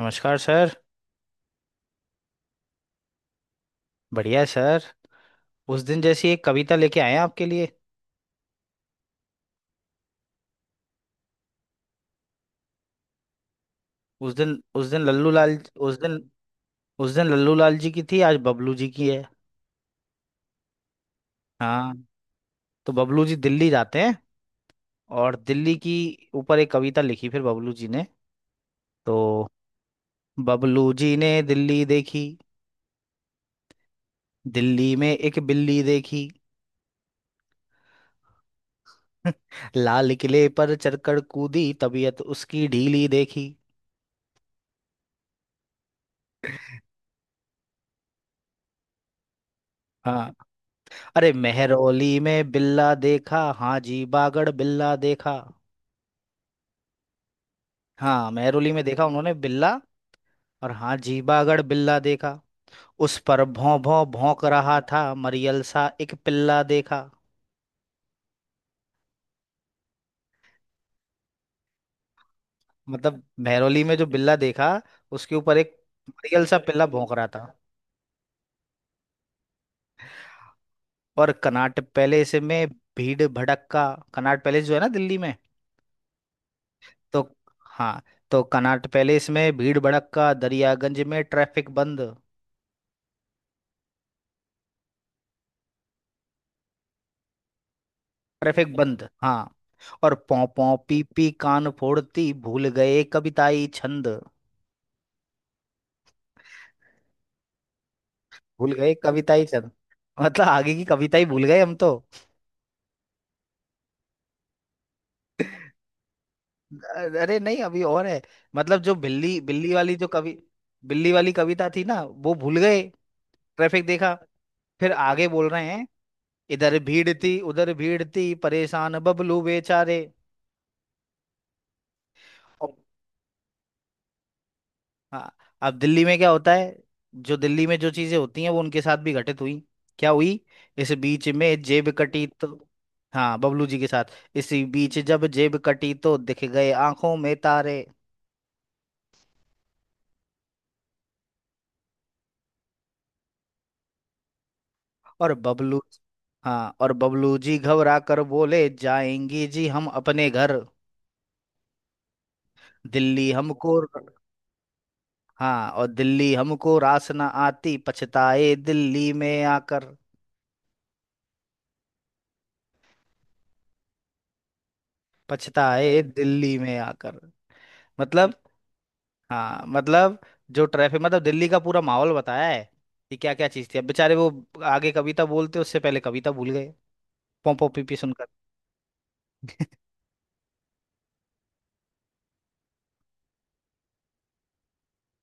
नमस्कार सर। बढ़िया है सर। उस दिन जैसी एक कविता लेके आए हैं आपके लिए। उस दिन लल्लू लाल। उस दिन उस दिन लल्लू लाल जी की थी, आज बबलू जी की है। हाँ। तो बबलू जी दिल्ली जाते हैं। और दिल्ली की ऊपर एक कविता लिखी फिर बबलू जी ने। तो बबलू जी ने दिल्ली देखी। दिल्ली में एक बिल्ली देखी। लाल किले पर चढ़कर कूदी, तबीयत उसकी ढीली देखी। हाँ। अरे मेहरौली में बिल्ला देखा, हाँ जी बागड़ बिल्ला देखा। हाँ, मेहरौली में देखा उन्होंने बिल्ला। और हाँ जी बागड़ बिल्ला देखा। उस पर भौं भौं भौंक रहा था, मरियल सा एक पिल्ला देखा। मतलब मेहरौली में जो बिल्ला देखा, उसके ऊपर एक मरियल सा पिल्ला भौंक रहा था। और कनाट पैलेस में भीड़ भड़क्का। कनाट पैलेस जो है ना दिल्ली में। तो हाँ, तो कनाट पैलेस में भीड़ भड़क्का, दरियागंज में ट्रैफिक बंद। ट्रैफिक बंद, हाँ। और पौ पौ पी पी कान फोड़ती, भूल गए कविताई छंद। भूल गए कविताई छंद। मतलब आगे की कविता ही भूल गए हम तो। अरे नहीं, अभी और है। मतलब जो बिल्ली बिल्ली वाली जो कवि बिल्ली वाली कविता थी ना, वो भूल गए। ट्रैफिक देखा। फिर आगे बोल रहे हैं। इधर भीड़ थी, उधर भीड़ थी, परेशान बबलू बेचारे। हाँ। अब दिल्ली में क्या होता है, जो दिल्ली में जो चीजें होती हैं वो उनके साथ भी घटित हुई। क्या हुई? इस बीच में जेब कटी तो। हाँ, बबलू जी के साथ। इसी बीच जब जेब कटी तो दिख गए आंखों में तारे। और बबलू। हाँ, और बबलू जी घबरा कर बोले, जाएंगी जी हम अपने घर। दिल्ली हमको। हाँ, और दिल्ली हमको रास ना आती, पछताए दिल्ली में आकर। पछताए दिल्ली में आकर। मतलब। हाँ मतलब जो ट्रैफिक, मतलब दिल्ली का पूरा माहौल बताया है कि क्या क्या चीज़ थी। अब बेचारे वो आगे कविता बोलते उससे पहले कविता भूल गए पोंपो पीपी सुनकर।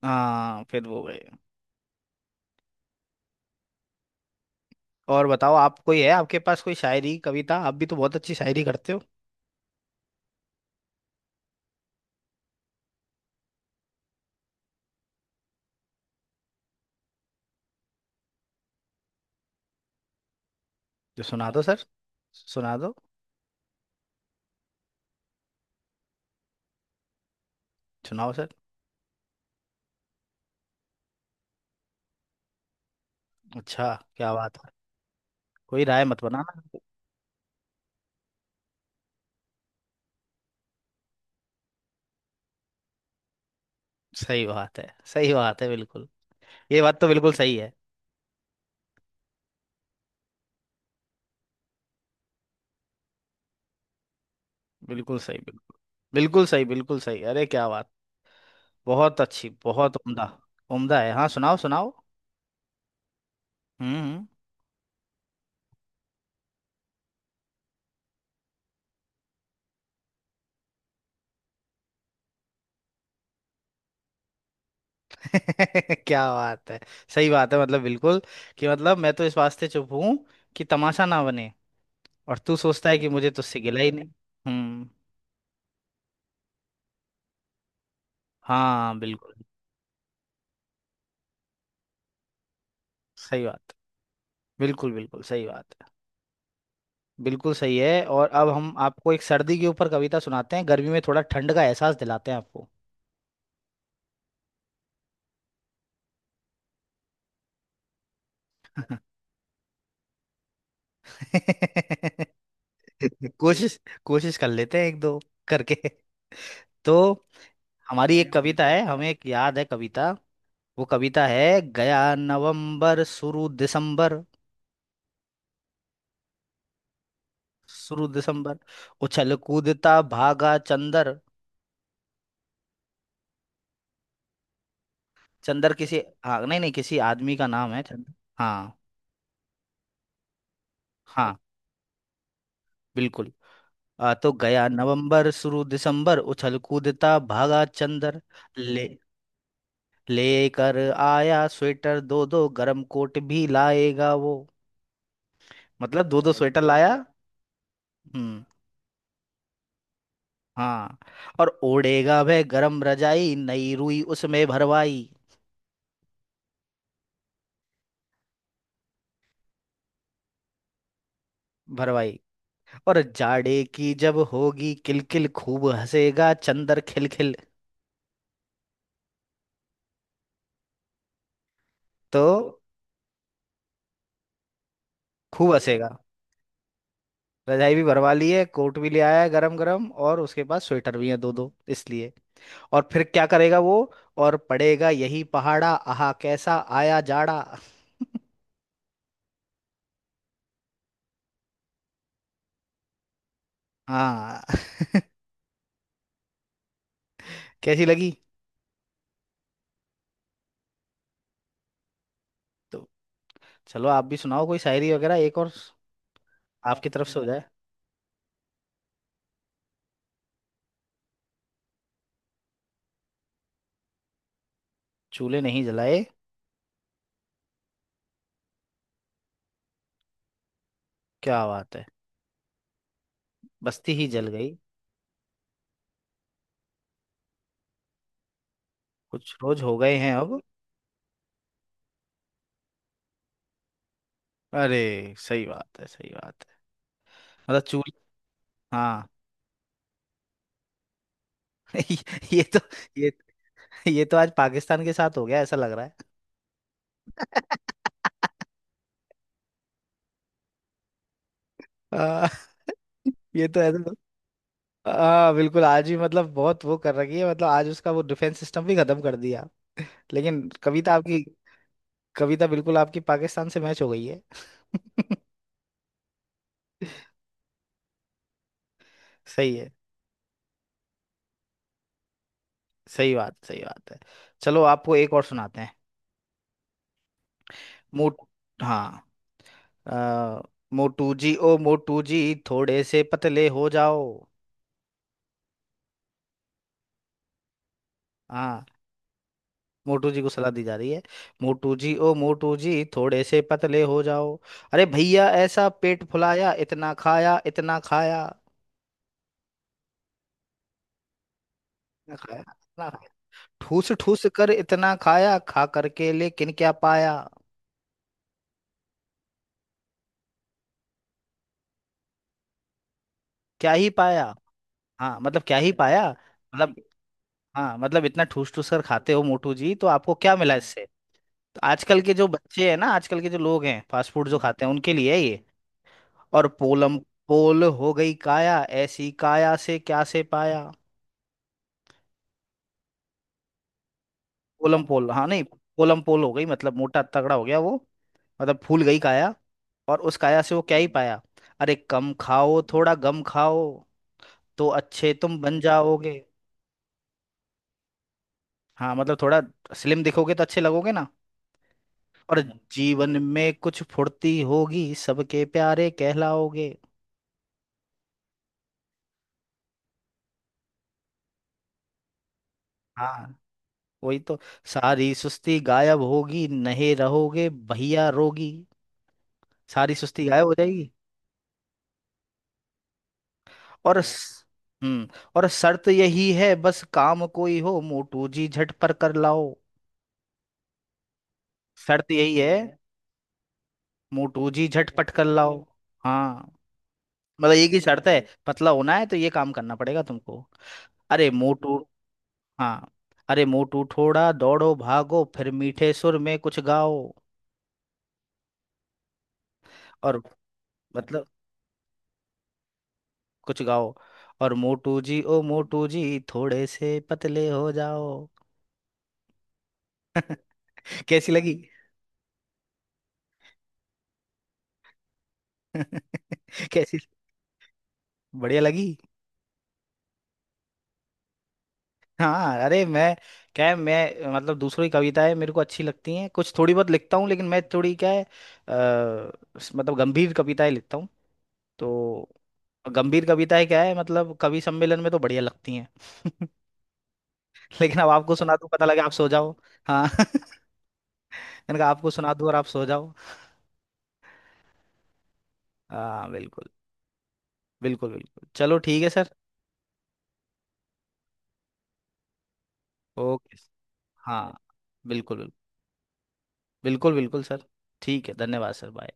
हाँ फिर वो गए। और बताओ आप, कोई है आपके पास कोई शायरी कविता? आप भी तो बहुत अच्छी शायरी करते हो। जो सुना दो सर। सुना दो। सुनाओ सर। अच्छा, क्या बात है। कोई राय मत बनाना। सही बात है। सही बात है बिल्कुल। ये बात तो बिल्कुल सही है। बिल्कुल सही बिल्कुल। बिल्कुल सही, बिल्कुल सही, अरे क्या बात। बहुत अच्छी, बहुत उम्दा। उम्दा है। हाँ सुनाओ सुनाओ। हम्म। क्या बात है। सही बात है, मतलब बिल्कुल। कि मतलब मैं तो इस वास्ते चुप हूं कि तमाशा ना बने, और तू सोचता है कि मुझे तुझसे गिला ही नहीं। हम्म। हाँ बिल्कुल। सही बात बिल्कुल। बिल्कुल सही बात है। बिल्कुल सही है। और अब हम आपको एक सर्दी के ऊपर कविता सुनाते हैं, गर्मी में थोड़ा ठंड का एहसास दिलाते हैं आपको। कोशिश। कोशिश कर लेते हैं एक दो करके। तो हमारी एक कविता है, हमें एक याद है कविता। वो कविता है, गया नवंबर शुरू दिसंबर। शुरू दिसंबर, उछल कूदता भागा चंदर। चंदर किसी, हाँ नहीं नहीं, किसी आदमी का नाम है चंदर। हाँ। हाँ बिल्कुल। तो गया नवंबर शुरू दिसंबर, उछल कूदता भागा चंदर। ले लेकर आया स्वेटर दो दो, गरम कोट भी लाएगा वो। मतलब दो दो स्वेटर, अच्छा लाया। हम्म। हाँ। और ओढ़ेगा वह गरम रजाई, नई रुई उसमें भरवाई। भरवाई। और जाड़े की जब होगी किलकिल, खूब हंसेगा चंदर खिलखिल। तो खूब हंसेगा। रजाई भी भरवा ली है, कोट भी ले आया है गरम गरम, और उसके पास स्वेटर भी है दो दो, इसलिए। और फिर क्या करेगा वो? और पड़ेगा यही पहाड़ा, आहा कैसा आया जाड़ा। हाँ। कैसी लगी? तो चलो आप भी सुनाओ कोई शायरी वगैरह, एक और आपकी तरफ से हो जाए। चूल्हे नहीं जलाए। क्या बात है। बस्ती ही जल गई। कुछ रोज हो गए हैं अब। अरे सही बात है, सही बात है। मतलब चूल। हाँ। ये तो। ये ये तो आज पाकिस्तान के साथ हो गया, ऐसा लग रहा है। आ, ये तो ऐसा। हाँ बिल्कुल, आज ही मतलब बहुत वो कर रखी है, मतलब आज उसका वो डिफेंस सिस्टम भी खत्म कर दिया। लेकिन कविता आपकी। कविता बिल्कुल आपकी पाकिस्तान से मैच हो गई है। सही है। सही बात, सही बात है। चलो आपको एक और सुनाते हैं। मूड। हाँ। आ, मोटू जी ओ मोटू जी, थोड़े से पतले हो जाओ। हाँ। मोटू जी को सलाह दी जा रही है। मोटू जी ओ मोटू जी, थोड़े से पतले हो जाओ। अरे भैया ऐसा पेट फुलाया, इतना खाया, इतना खाया, इतना खाया, इतना खाया। ठूस ठूस कर इतना खाया, खा करके लेकिन क्या पाया? क्या ही पाया। हाँ मतलब क्या ही पाया, मतलब। हाँ मतलब इतना ठूस ठूस कर खाते हो मोटू जी, तो आपको क्या मिला इससे? तो आजकल के जो बच्चे हैं ना, आजकल के जो लोग हैं, फास्ट फूड जो खाते हैं उनके लिए है ये। और पोलम पोल हो गई काया, ऐसी काया से क्या से पाया? पोलम पोल, हाँ नहीं। पोलम पोल हो गई, मतलब मोटा तगड़ा हो गया वो। मतलब फूल गई काया। और उस काया से वो क्या ही पाया? अरे कम खाओ, थोड़ा गम खाओ, तो अच्छे तुम बन जाओगे। हाँ मतलब थोड़ा स्लिम दिखोगे तो अच्छे लगोगे ना। और जीवन में कुछ फुर्ती होगी, सबके प्यारे कहलाओगे। हाँ वही तो। सारी सुस्ती गायब होगी, नहीं रहोगे भैया रोगी। सारी सुस्ती गायब हो जाएगी। और स- हम्म। और शर्त यही है, बस काम कोई हो मोटू जी झट पर कर लाओ। शर्त यही है मोटू जी झट पट कर लाओ। हाँ मतलब एक ही शर्त है, पतला होना है तो ये काम करना पड़ेगा तुमको। अरे मोटू। हाँ। अरे मोटू थोड़ा दौड़ो भागो, फिर मीठे सुर में कुछ गाओ। और मतलब कुछ गाओ, और मोटू जी ओ मोटू जी, थोड़े से पतले हो जाओ। कैसी लगी? कैसी, बढ़िया लगी? हाँ। अरे मैं क्या है, मैं मतलब दूसरों की कविताएं मेरे को अच्छी लगती हैं, कुछ थोड़ी बहुत लिखता हूँ लेकिन मैं थोड़ी क्या है मतलब गंभीर कविताएं लिखता हूँ। तो गंभीर कविताएं क्या है, मतलब कवि सम्मेलन में तो बढ़िया लगती हैं। लेकिन अब आपको सुना दूँ, पता लगे आप सो जाओ। हाँ। मैंने कहा आपको सुना दूँ और आप सो जाओ। हाँ बिल्कुल। बिल्कुल बिल्कुल। चलो ठीक है सर। ओके। हाँ बिल्कुल बिल्कुल। बिल्कुल बिल्कुल सर। ठीक है, धन्यवाद सर, बाय।